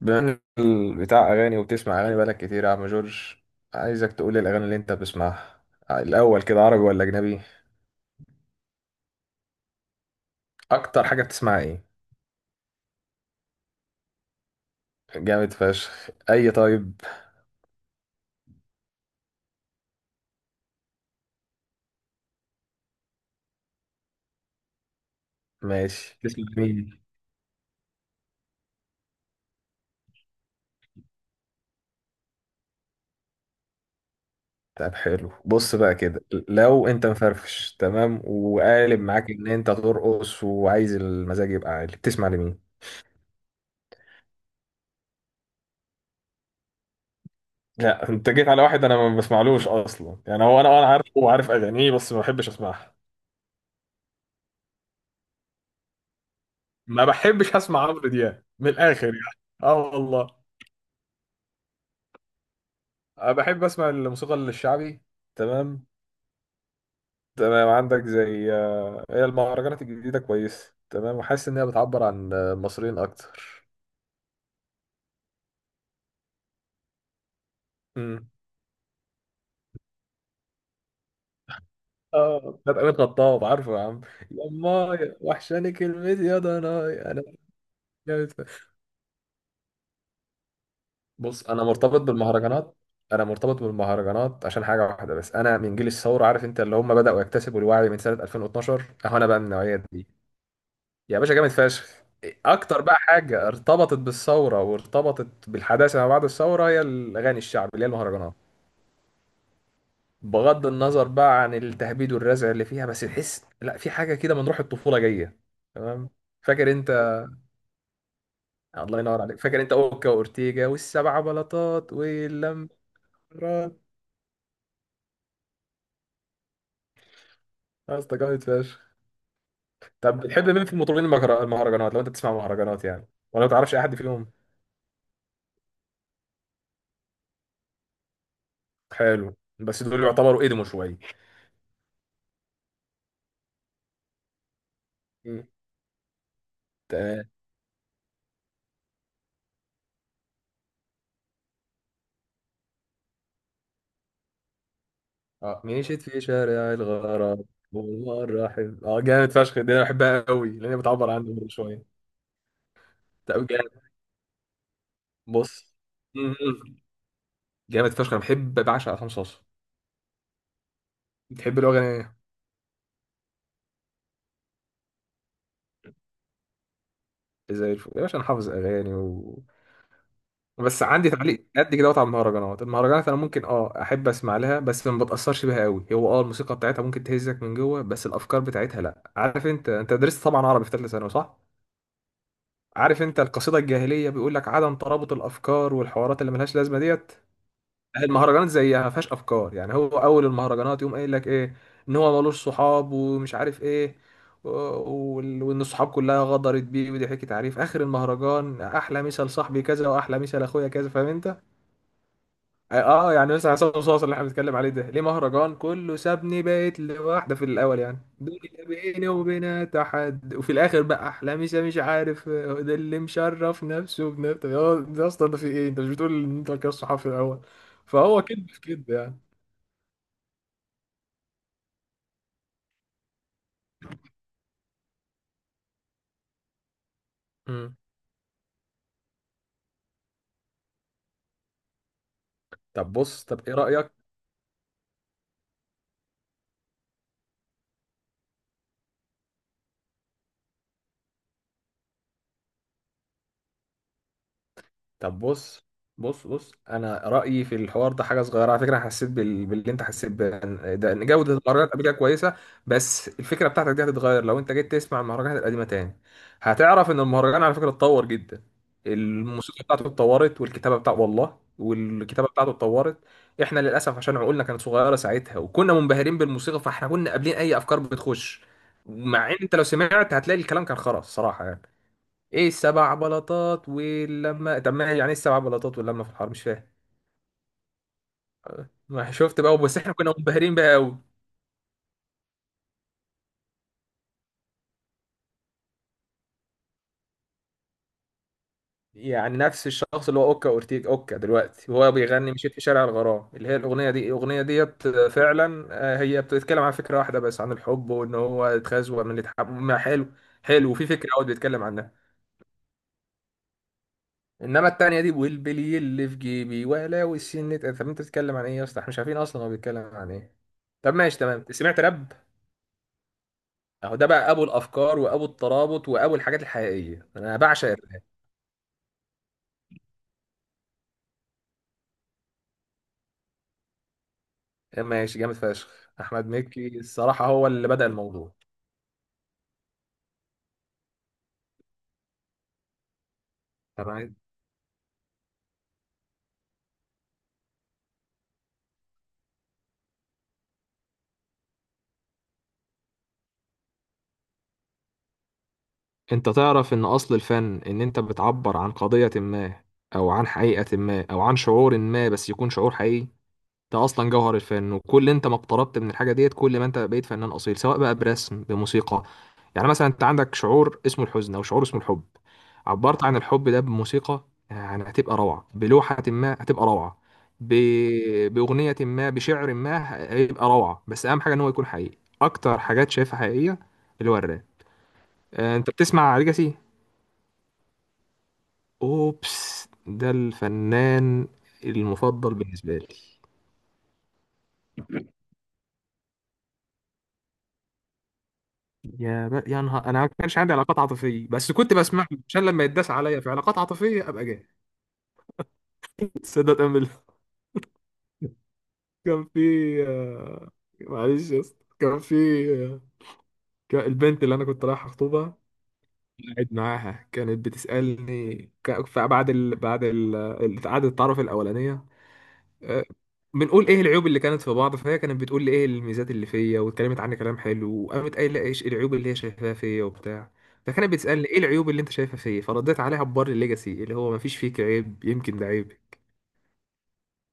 بما إنك بتاع اغاني وبتسمع اغاني بقالك كتير يا عم جورج، عايزك تقول لي الاغاني اللي انت بتسمعها. الاول كده عربي ولا اجنبي؟ اكتر حاجه بتسمعها ايه؟ جامد فشخ. اي طيب ماشي، تسمع مين؟ طب حلو، بص بقى كده، لو انت مفرفش تمام وقالب معاك ان انت ترقص وعايز المزاج يبقى عالي بتسمع لمين؟ لا انت جيت على واحد انا ما بسمعلوش اصلا، يعني هو انا عارفه وعارف اغانيه بس ما بحبش اسمعها. ما بحبش اسمع عمرو دياب من الاخر يعني. اه والله. أنا بحب أسمع الموسيقى الشعبي. تمام. تمام عندك، زي هي المهرجانات الجديدة كويسة تمام وحاسس إنها بتعبر عن المصريين أكتر. مم. آه بتاعت أمين خطاب، عارفه يا عم؟ يما وحشاني كلمتي يا ضناي أنا. جامد ف- بص أنا مرتبط بالمهرجانات. أنا مرتبط بالمهرجانات عشان حاجة واحدة بس، أنا من جيل الثورة، عارف أنت اللي هم بدأوا يكتسبوا الوعي من سنة 2012، أهو أنا بقى من النوعية دي. يا باشا جامد فشخ. اكتر بقى حاجه ارتبطت بالثوره وارتبطت بالحداثه ما بعد الثوره هي الاغاني الشعب اللي هي المهرجانات. بغض النظر بقى عن التهبيد والرزع اللي فيها بس تحس لا في حاجه كده من روح الطفوله جايه. تمام. فاكر انت، الله ينور عليك، فاكر انت اوكا واورتيجا والسبع بلاطات واللمبرات؟ يا اسطى جامد فشخ. طب بتحب مين في المطربين المهرجانات، لو انت بتسمع مهرجانات يعني، ولا ما تعرفش اي حد فيهم؟ حلو، بس دول يعتبروا قدموا شويه. مم. تمام. اه مشيت في شارع الغرام، والله الرحيم، اه جامد فشخ، دي انا بحبها قوي لان هي بتعبر عني برضه شويه. طب جامد. بص. مم. جامد فشخ، انا بحب بعشق عصام صاصا. بتحب له اغاني ايه؟ زي الفل يا باشا، انا حافظ اغاني و... بس عندي تعليق قد كده وقت على المهرجانات، المهرجانات انا ممكن اه احب اسمع لها بس ما بتاثرش بيها قوي، هو اه الموسيقى بتاعتها ممكن تهزك من جوه بس الافكار بتاعتها لا. عارف انت، انت درست طبعا عربي في ثالثه ثانوي صح؟ عارف انت القصيده الجاهليه بيقول لك عدم ترابط الافكار والحوارات اللي ملهاش لازمه ديت؟ المهرجانات زيها ما فيهاش افكار، يعني هو اول المهرجانات يقوم قايل لك ايه؟ ان هو ملوش صحاب ومش عارف ايه، وان الصحاب كلها غدرت بيه، ودي حكي تعريف. اخر المهرجان احلى مثال صاحبي كذا واحلى مثال اخويا كذا، فاهم انت؟ اه. يعني مثلا عصام صاصا اللي احنا بنتكلم عليه ده ليه مهرجان كله سابني بقيت لوحده، في الاول يعني دنيا بيني وبينها تحد، وفي الاخر بقى احلامي مش عارف ده اللي مشرف نفسه بنفسه، يا ده اصلا ده في ايه؟ انت مش بتقول ان انت كده الصحافي الاول؟ فهو كده في كده يعني. مم. طب بص، طب ايه رايك؟ طب بص انا رايي في الحوار ده حاجه صغيره على فكره. أنا حسيت باللي انت ده، ان جوده المهرجانات قبل كده كويسه. بس الفكره بتاعتك دي هتتغير لو انت جيت تسمع المهرجانات القديمه تاني. هتعرف ان المهرجان على فكره اتطور جدا، الموسيقى بتاعته اتطورت والكتابه بتاعته، والله والكتابه بتاعته اتطورت. احنا للاسف عشان عقولنا كانت صغيره ساعتها وكنا منبهرين بالموسيقى فاحنا كنا قابلين اي افكار بتخش. مع ان انت لو سمعت هتلاقي الكلام كان خرا الصراحه يعني. ايه السبع بلاطات واللمه؟ طب ما يعني ايه السبع بلاطات واللمه في الحرب؟ مش فاهم. ما شفت بقى، بس احنا كنا منبهرين بقى قوي. يعني نفس الشخص اللي هو اوكا اورتيج اوكا دلوقتي وهو بيغني مشيت في شارع الغرام اللي هي الاغنيه دي، الاغنيه ديت فعلا هي بتتكلم عن فكره واحده بس، عن الحب وان هو اتخزوه من اللي اتحب، ما حلو. حلو وفي فكره قوي بيتكلم عنها. انما التانيه دي، والبلي اللي في جيبي، ولا والسن، طب انت بتتكلم عن ايه يا اسطى؟ احنا مش عارفين اصلا هو بيتكلم عن ايه. طب ماشي تمام. سمعت راب؟ اهو ده بقى ابو الافكار وابو الترابط وابو الحاجات الحقيقيه. انا بعشق الراب. ماشي جامد فشخ. احمد مكي الصراحه هو اللي بدأ الموضوع. تمام. انت تعرف ان اصل الفن ان انت بتعبر عن قضية ما، او عن حقيقة ما، او عن شعور ما، بس يكون شعور حقيقي. انت اصلا جوهر الفن، وكل انت ما اقتربت من الحاجه ديت كل ما انت بقيت فنان اصيل، سواء بقى برسم بموسيقى. يعني مثلا انت عندك شعور اسمه الحزن او شعور اسمه الحب، عبرت عن الحب ده بموسيقى يعني هتبقى روعه، بلوحه ما هتبقى روعه، ب... باغنيه ما، بشعر ما، هيبقى روعه. بس اهم حاجه ان هو يكون حقيقي. اكتر حاجات شايفها حقيقيه اللي هو الراب. انت بتسمع ليجاسي؟ اوبس ده الفنان المفضل بالنسبه لي. يا نهار، انا ما كانش عندي علاقات عاطفيه بس كنت بسمع له عشان لما يتداس عليا في علاقات عاطفيه ابقى جاي. تصدق تأمل. كان في آه، معلش يا اسطى، كان في آه، كان البنت اللي انا كنت رايح اخطبها قاعد معاها كانت بتسالني، بعد قعدة التعارف الاولانيه، آه، بنقول ايه العيوب اللي كانت في بعض، فهي كانت بتقول لي ايه الميزات اللي فيا واتكلمت عني كلام حلو، وقامت قايله ايش العيوب اللي هي شايفاها فيا وبتاع. فكانت بتسالني ايه العيوب اللي انت شايفها فيا، فرديت عليها ببر الليجاسي اللي هو مفيش فيك عيب يمكن ده عيب.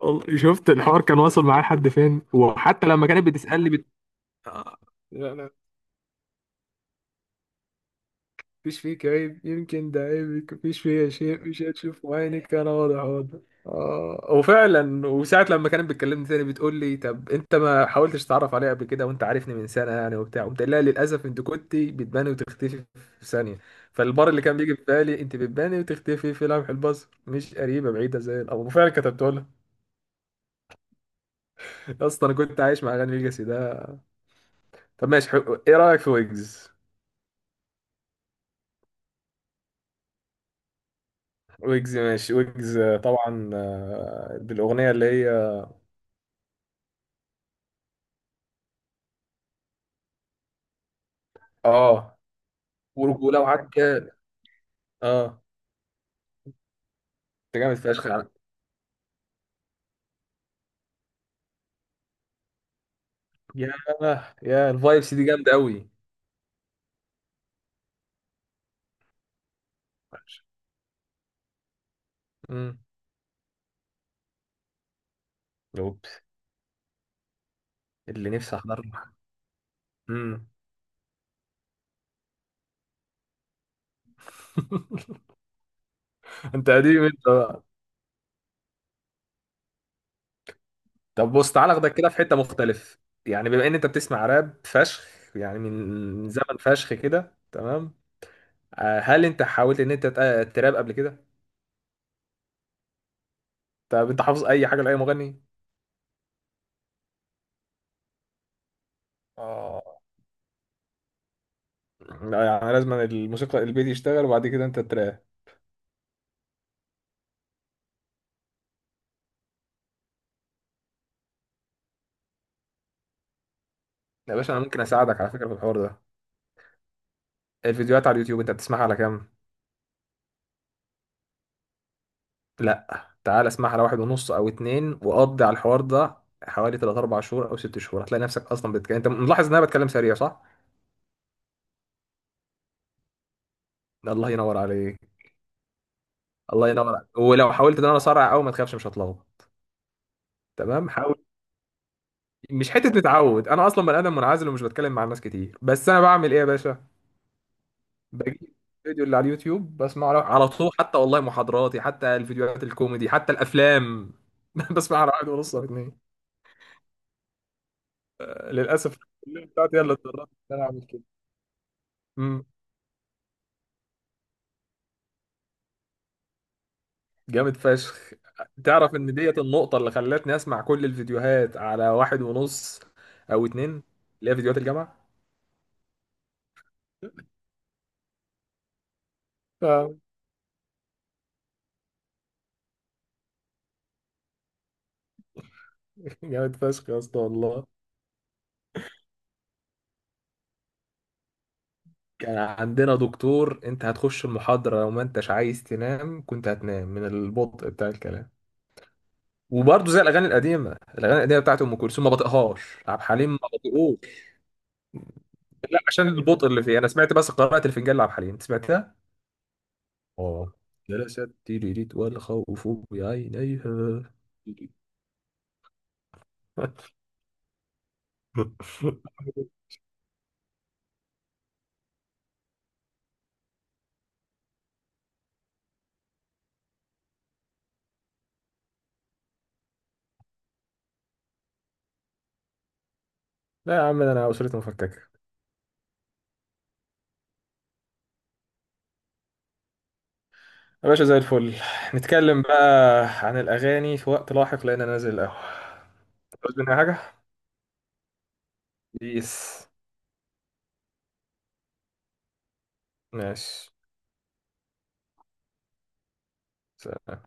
والله شفت الحوار كان واصل معايا لحد فين. وحتى لما كانت بتسألني بت... آه، لا مفيش فيك عيب يمكن ده عيبك، مفيش فيها شيء مش هتشوف عينك، انا واضح. اه وفعلا، وساعة لما كانت بتكلمني تاني بتقول لي طب انت ما حاولتش تتعرف عليا قبل كده وانت عارفني من سنة يعني وبتاع، قلت لها للاسف انت كنت بتباني وتختفي في ثانية. فالبار اللي كان بيجي في بالي انت بتباني وتختفي في لمح البصر، مش قريبة بعيدة زي الاول، وفعلا كتبت لها. اصلا انا كنت عايش مع اغاني ليجاسي ده. طب ماشي حلو. ايه رأيك في ويجز؟ ويجز ماشي، ويجز طبعا بالاغنية اللي هي اه ورجوله وعجل. اه. انت جامد فشخ يا عم. يا يا الفايبس دي جامده قوي. امم. اوبس. اللي نفسي احضر له. امم. انت قديم انت بقى. طب بص تعالى اخدك كده في حته مختلف. يعني بما ان انت بتسمع راب فشخ، يعني من زمن فشخ كده تمام، هل انت حاولت ان انت تراب قبل كده؟ طب انت حافظ اي حاجه لاي مغني؟ اه. لا يعني لازم الموسيقى البيت يشتغل وبعد كده انت تراب. يا باشا انا ممكن اساعدك على فكره في الحوار ده. الفيديوهات على اليوتيوب انت بتسمعها على كام؟ لا تعال اسمعها على واحد ونص او اتنين وقضي على الحوار ده. حوالي 3 4 شهور او 6 شهور هتلاقي نفسك اصلا بتتكلم. انت ملاحظ ان انا بتكلم سريع صح؟ ده الله ينور عليك. الله ينور عليك، ولو حاولت ان انا اسرع قوي ما تخافش مش هتلخبط. تمام حاول. مش حته نتعود، انا اصلا بني ادم منعزل ومش بتكلم مع الناس كتير، بس انا بعمل ايه يا باشا؟ بجيب الفيديو اللي على اليوتيوب بسمعه على طول، حتى والله محاضراتي، حتى الفيديوهات الكوميدي، حتى الافلام. بسمعها على واحد ونص او اتنين. للاسف الكليه بتاعتي هي اللي اتضررت ان انا اعمل كده. امم. جامد فشخ. تعرف ان ديت النقطه اللي خلتني اسمع كل الفيديوهات على واحد ونص او اتنين، اللي هي فيديوهات الجامعه. آه، جامد فشخ يا اسطى والله. كان عندنا دكتور انت هتخش المحاضره لو ما انتش عايز تنام كنت هتنام من البطء بتاع الكلام. وبرضه زي الاغاني القديمه، الاغاني القديمه بتاعت ام كلثوم ما بطيقهاش، عبد الحليم ما بطيقوش. لا عشان البطء اللي فيه. انا سمعت بس قراءه الفنجان لعبد الحليم، أنت سمعتها؟ اه. جلست تيريريت والخوف بعينيها. لا يا عم ده انا اسرتي مفككه. يا باشا زي الفل. نتكلم بقى عن الاغاني في وقت لاحق لان انا نازل القهوه. عاوز مني حاجه؟ بيس. ماشي. سلام.